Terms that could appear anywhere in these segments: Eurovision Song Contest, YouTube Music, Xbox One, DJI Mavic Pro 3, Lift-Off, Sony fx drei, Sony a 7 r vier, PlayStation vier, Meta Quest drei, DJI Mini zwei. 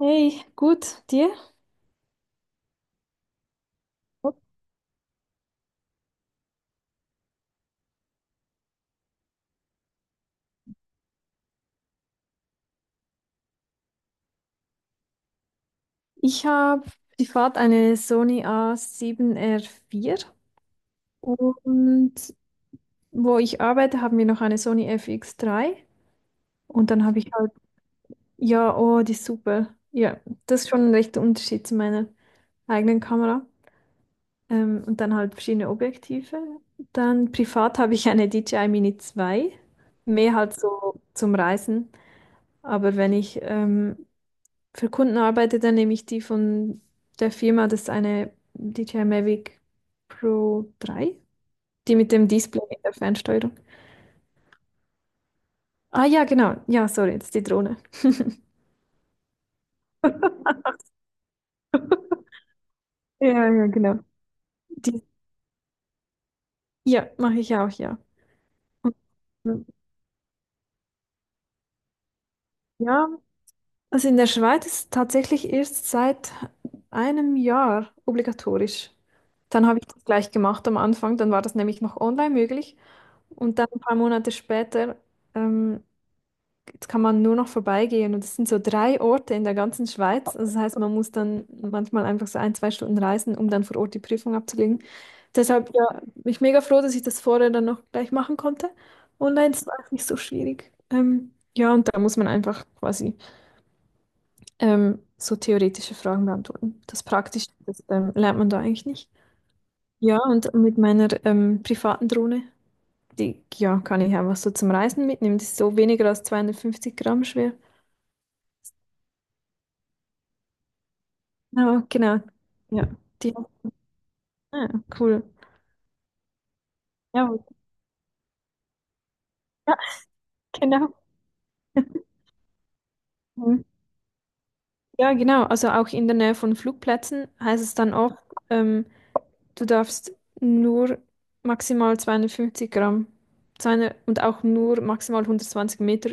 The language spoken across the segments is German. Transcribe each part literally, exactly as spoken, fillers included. Hey, gut, dir? Ich habe privat eine Sony a sieben r vier und wo ich arbeite, haben wir noch eine Sony FX drei. Und dann habe ich halt, ja, oh, die ist super. Ja, das ist schon ein rechter Unterschied zu meiner eigenen Kamera. Ähm, und dann halt verschiedene Objektive. Dann privat habe ich eine D J I Mini zwei, mehr halt so zum Reisen. Aber wenn ich ähm, Für Kunden arbeitet er nämlich die von der Firma, das ist eine D J I Mavic Pro drei, die mit dem Display in der Fernsteuerung. Ah ja, genau. Ja, sorry, jetzt die Drohne. Ja, ja, genau. Die, ja, mache ich auch, ja. Und, ähm, ja, also in der Schweiz ist es tatsächlich erst seit einem Jahr obligatorisch. Dann habe ich das gleich gemacht am Anfang, dann war das nämlich noch online möglich. Und dann ein paar Monate später, ähm, Jetzt kann man nur noch vorbeigehen und es sind so drei Orte in der ganzen Schweiz. Also das heißt, man muss dann manchmal einfach so ein, zwei Stunden reisen, um dann vor Ort die Prüfung abzulegen. Deshalb, ja, bin ich mega froh, dass ich das vorher dann noch gleich machen konnte. Online ist auch nicht so schwierig. Ähm, ja, und da muss man einfach quasi ähm, so theoretische Fragen beantworten. Das Praktische, das ähm, lernt man da eigentlich nicht. Ja, und mit meiner ähm, privaten Drohne, die ja, kann ich einfach so zum Reisen mitnehmen. Die ist so weniger als zweihundertfünfzig Gramm schwer. Genau, genau. Ja, die, ah, cool. Ja, ja, genau. Mhm. Ja, genau. Also auch in der Nähe von Flugplätzen heißt es dann oft, ähm, du darfst nur maximal zweihundertfünfzig Gramm, zweihundert, und auch nur maximal hundertzwanzig Meter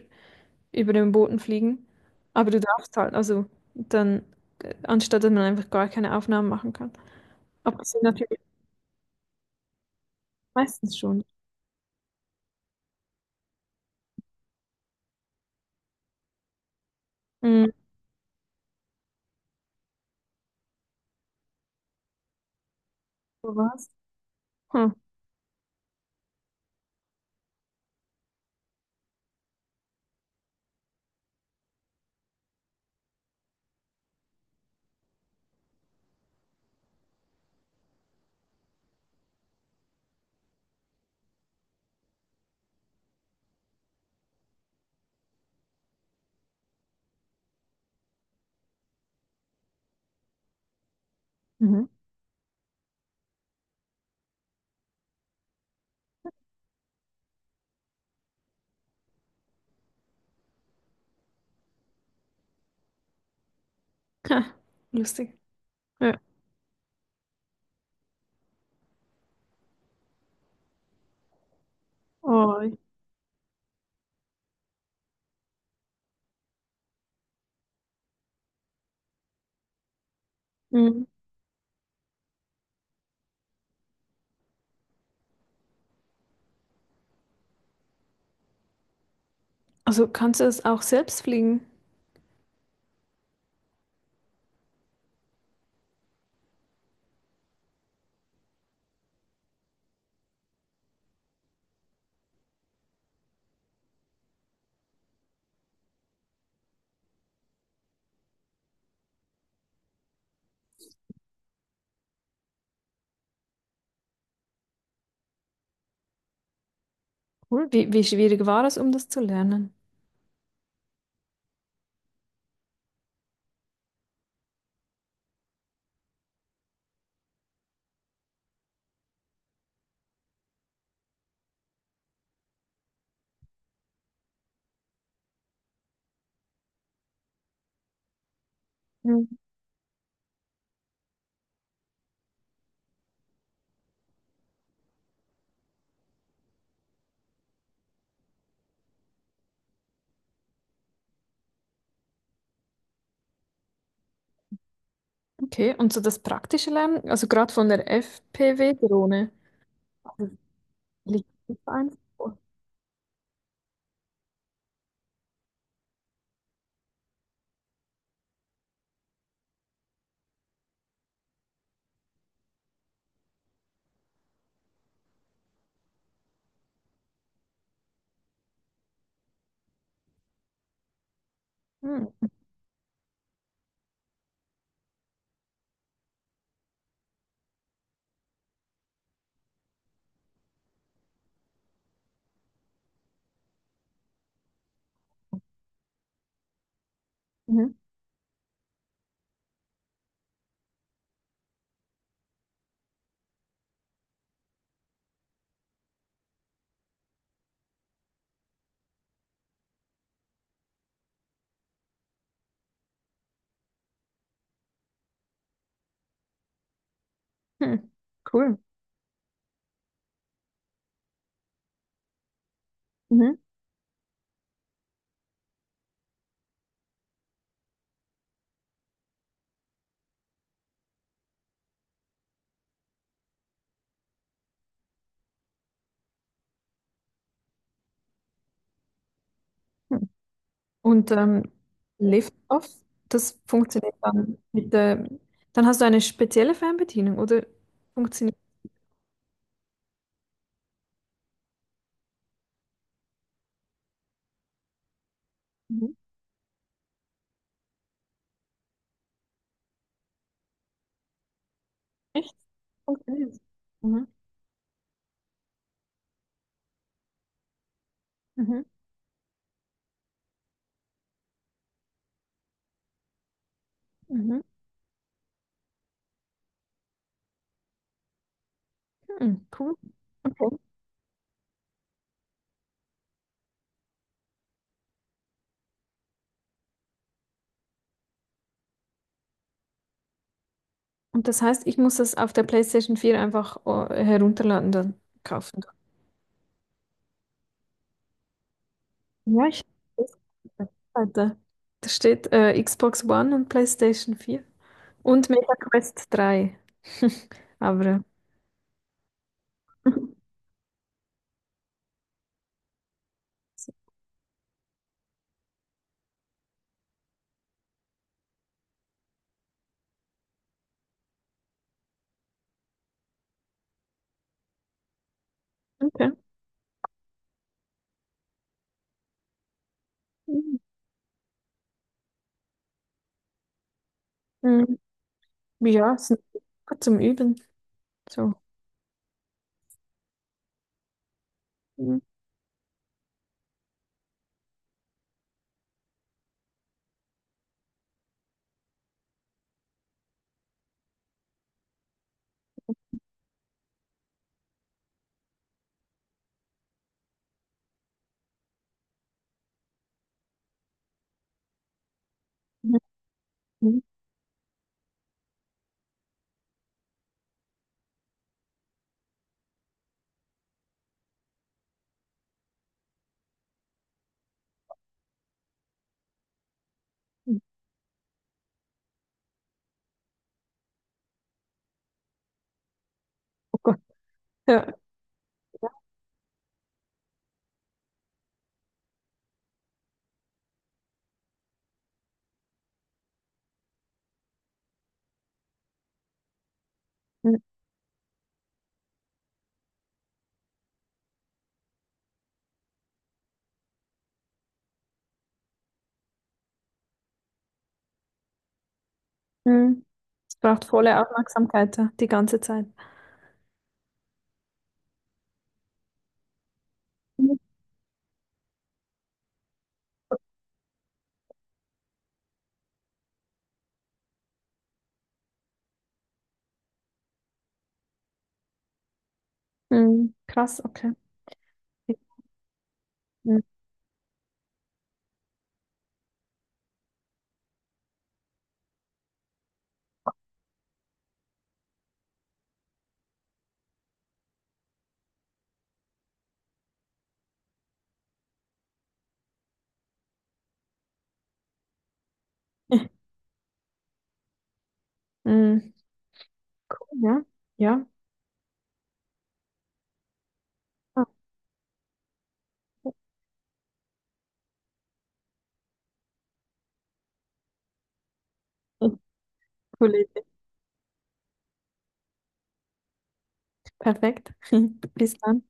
über dem Boden fliegen. Aber du darfst halt, also dann, äh, anstatt dass man einfach gar keine Aufnahmen machen kann. Aber das sind natürlich meistens schon. Mhm. Wo war's? Hm. Mhm. Ha, lustig. Ja. Oh. Also kannst du das auch selbst fliegen? Cool. Wie, wie schwierig war es, um das zu lernen? Mhm. Okay, und so das praktische Lernen, also gerade von der F P V-Drohne. Also, liegt das eins vor? Hm. Mhm. Hm. Cool. Mhm. Hm. Und ähm, Lift-Off, das funktioniert dann mit der, dann hast du eine spezielle Fernbedienung, oder funktioniert. Mhm. Nicht? Funktioniert. Mhm. Mhm. Mhm. Hm. Cool. Okay. Und das heißt, ich muss das auf der PlayStation vier einfach äh, herunterladen, dann kaufen. Ja, ich. Weiter. Da steht äh, Xbox One und PlayStation vier und Meta Quest drei. Aber äh, okay. Mhm. Mhm. Ja, es ist gut zum Üben. So. Mhm. Mhm. Mhm. Oh Gott. Ja. Mhm. Mhm. Es braucht volle Aufmerksamkeit, ja, die ganze Zeit. Mhm. Mhm. Krass, okay. Mhm. Mhm. Cool, ja. Ja. Ah. Ja. Politik. Perfekt. Bis dann.